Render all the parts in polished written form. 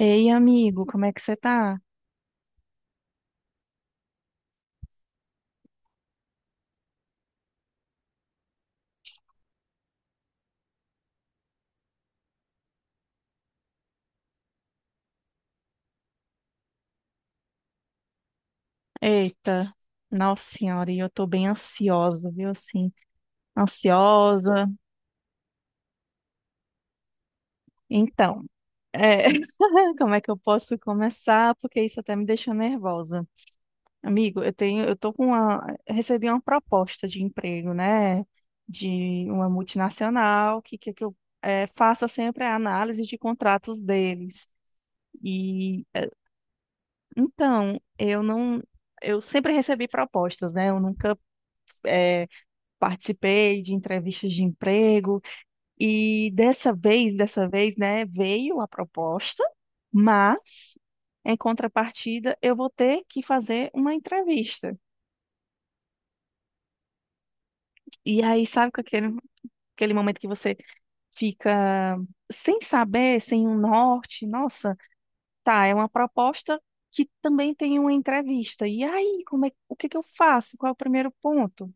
Ei, amigo, como é que você tá? Eita, nossa senhora, e eu tô bem ansiosa, viu? Assim, ansiosa. Então, é, como é que eu posso começar? Porque isso até me deixa nervosa. Amigo, eu tenho, eu tô com uma, recebi uma proposta de emprego, né? De uma multinacional, que eu faça sempre a análise de contratos deles. E, é, então, eu não, eu sempre recebi propostas, né? Eu nunca é, participei de entrevistas de emprego, e dessa vez, né, veio a proposta, mas em contrapartida eu vou ter que fazer uma entrevista. E aí, sabe, com aquele momento que você fica sem saber, sem um norte, nossa, tá, é uma proposta que também tem uma entrevista. E aí, como é, o que que eu faço? Qual é o primeiro ponto?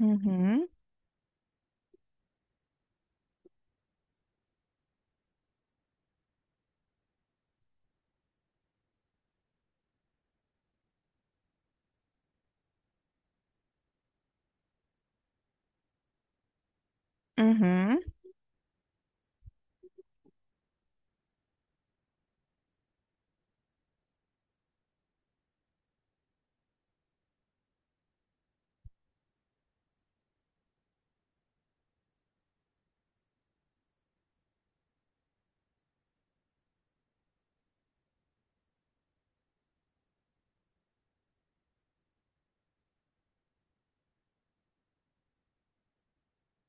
Uhum, uhum.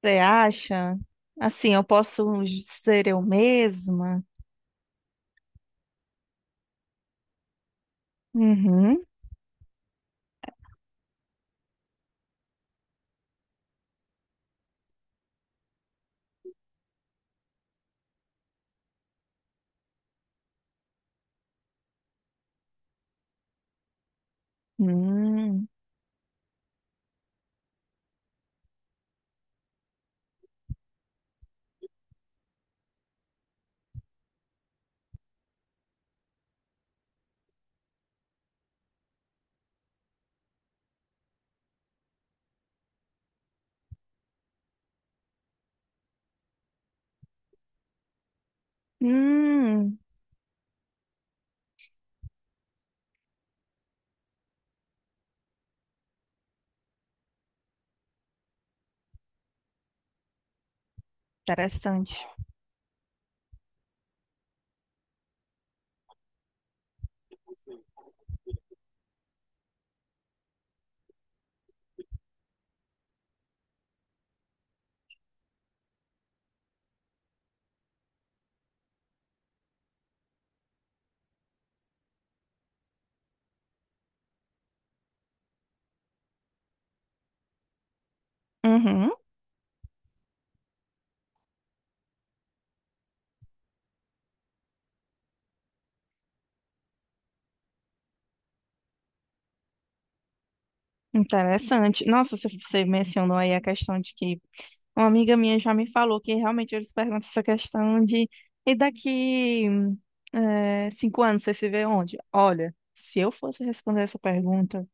Você acha? Assim, eu posso ser eu mesma? Uhum. Hum. Hum. Interessante. Uhum. Interessante. Nossa, você mencionou aí a questão de que uma amiga minha já me falou que realmente eles perguntam essa questão de, e daqui 5 anos você se vê onde? Olha, se eu fosse responder essa pergunta,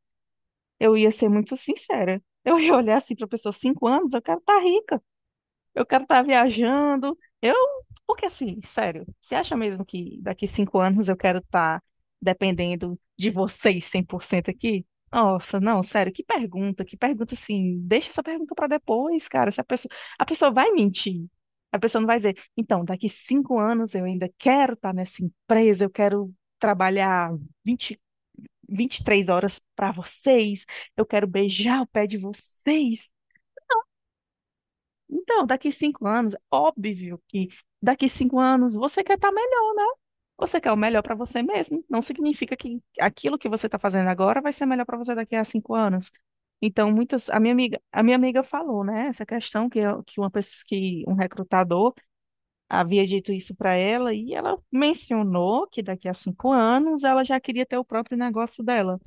eu ia ser muito sincera. Eu ia olhar assim para a pessoa, 5 anos, eu quero estar rica. Eu quero estar viajando. Porque assim, sério, você acha mesmo que daqui 5 anos eu quero estar dependendo de vocês 100% aqui? Nossa, não, sério, que pergunta, que pergunta, assim, deixa essa pergunta para depois, cara. Se a pessoa, A pessoa vai mentir. A pessoa não vai dizer, então, daqui 5 anos eu ainda quero estar nessa empresa, eu quero trabalhar vinte, 23 horas para vocês, eu quero beijar o pé de vocês. Então, daqui cinco anos, óbvio que daqui 5 anos você quer estar melhor, né? Você quer o melhor para você mesmo. Não significa que aquilo que você está fazendo agora vai ser melhor para você daqui a 5 anos. Então, muitas, a minha amiga falou, né? Essa questão que, que um recrutador havia dito isso para ela, e ela mencionou que daqui a 5 anos ela já queria ter o próprio negócio dela.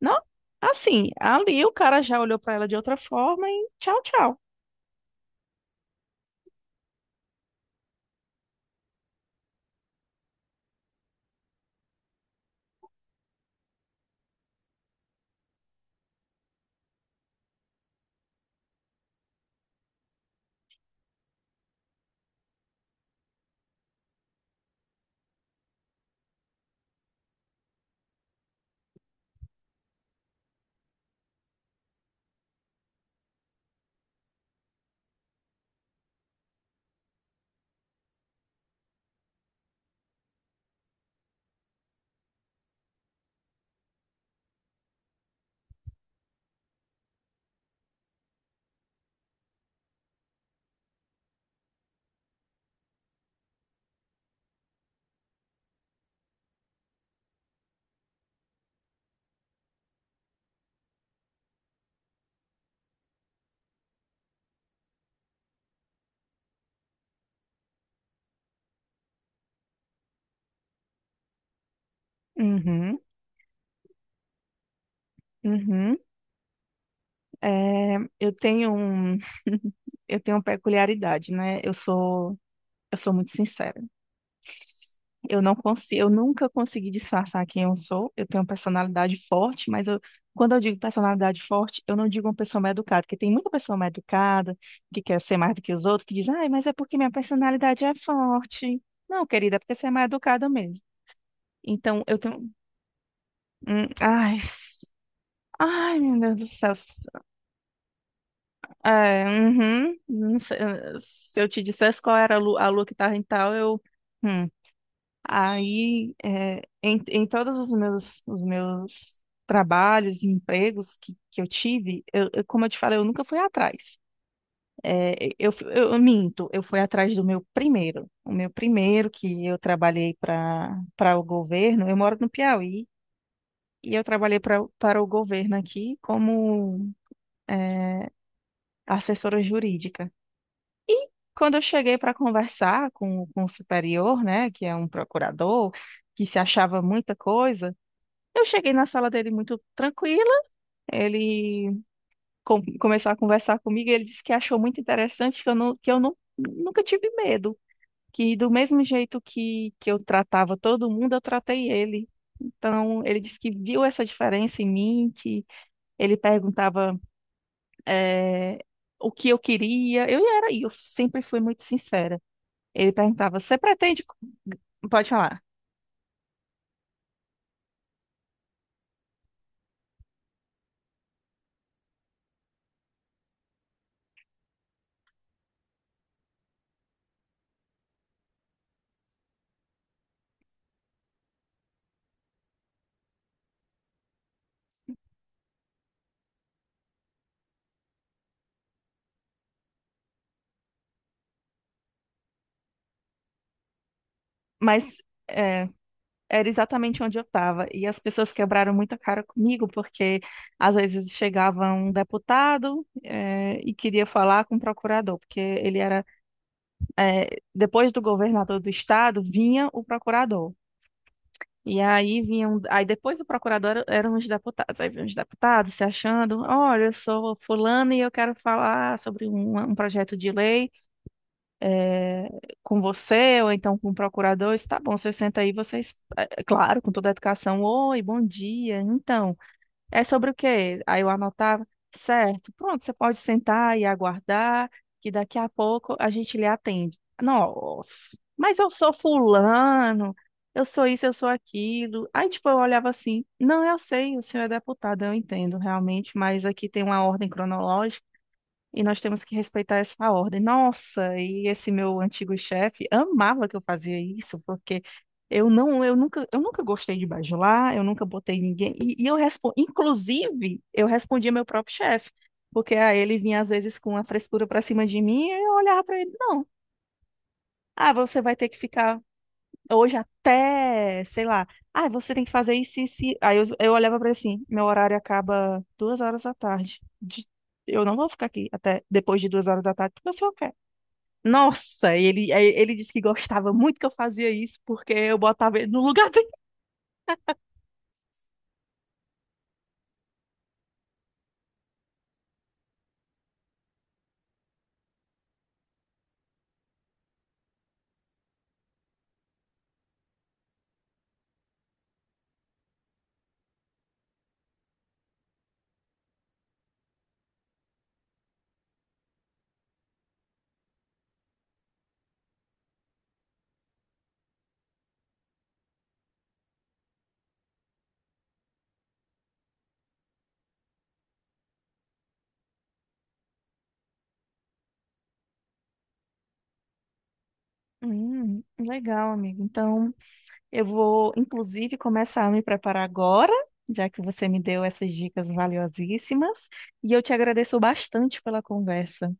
Não, assim, ali o cara já olhou para ela de outra forma, e tchau, tchau. Uhum, uhum. É, eu tenho uma peculiaridade, né? Eu sou muito sincera. Eu não consigo, eu nunca consegui disfarçar quem eu sou. Eu tenho uma personalidade forte, quando eu digo personalidade forte, eu não digo uma pessoa mal educada, porque tem muita pessoa mal educada que quer ser mais do que os outros, que diz, ai, mas é porque minha personalidade é forte. Não, querida, é porque você é mal educada mesmo. Então, eu tenho. Ai, ai, meu Deus do céu. É, uhum, não sei, se eu te dissesse qual era a lua que estava em tal, eu. hum, Aí, em todos os meus trabalhos e empregos que eu tive, como eu te falei, eu nunca fui atrás. Eu minto, eu fui atrás do meu primeiro. O meu primeiro que eu trabalhei para o governo, eu moro no Piauí, e eu trabalhei para o governo aqui como é, assessora jurídica. Quando eu cheguei para conversar com o superior, né, que é um procurador, que se achava muita coisa, eu cheguei na sala dele muito tranquila. Ele começou a conversar comigo, e ele disse que achou muito interessante que eu não, nunca tive medo. Que do mesmo jeito que eu tratava todo mundo, eu tratei ele. Então, ele disse que viu essa diferença em mim, que ele perguntava eh, o que eu queria. E eu sempre fui muito sincera. Ele perguntava: você pretende. Pode falar. Mas, eh, era exatamente onde eu estava. E as pessoas quebraram muita cara comigo, porque às vezes chegava um deputado e queria falar com o procurador, porque ele era, depois do governador do estado, vinha o procurador. E aí vinham, aí depois do procurador eram os deputados, aí vinham os deputados se achando, olha, eu sou fulano e eu quero falar sobre um projeto de lei eh, com você ou então com o procurador. Isso tá bom, você senta aí, vocês, claro, com toda a educação, oi, bom dia, então, é sobre o quê? Aí eu anotava, certo, pronto, você pode sentar e aguardar, que daqui a pouco a gente lhe atende. Nossa, mas eu sou fulano, eu sou isso, eu sou aquilo. Aí, tipo, eu olhava assim, não, eu sei, o senhor é deputado, eu entendo realmente, mas aqui tem uma ordem cronológica, e nós temos que respeitar essa ordem. Nossa, e esse meu antigo chefe amava que eu fazia isso, porque eu não, eu nunca gostei de bajular, eu nunca botei ninguém. E eu respondo, inclusive, eu respondia meu próprio chefe, porque ah, ele vinha às vezes com a frescura para cima de mim, e eu olhava para ele, não. Ah, você vai ter que ficar hoje até, sei lá, ah, você tem que fazer isso e isso. Aí eu olhava pra ele assim, meu horário acaba 2 horas da tarde. Eu não vou ficar aqui até depois de 2 horas da tarde, porque o senhor quer. Nossa, e ele, aí ele disse que gostava muito que eu fazia isso, porque eu botava ele no lugar dele. Legal, amigo. Então, eu vou, inclusive, começar a me preparar agora, já que você me deu essas dicas valiosíssimas. E eu te agradeço bastante pela conversa.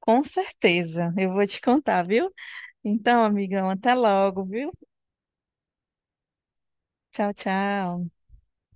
Com certeza, eu vou te contar, viu? Então, amigão, até logo, viu? Tchau, tchau.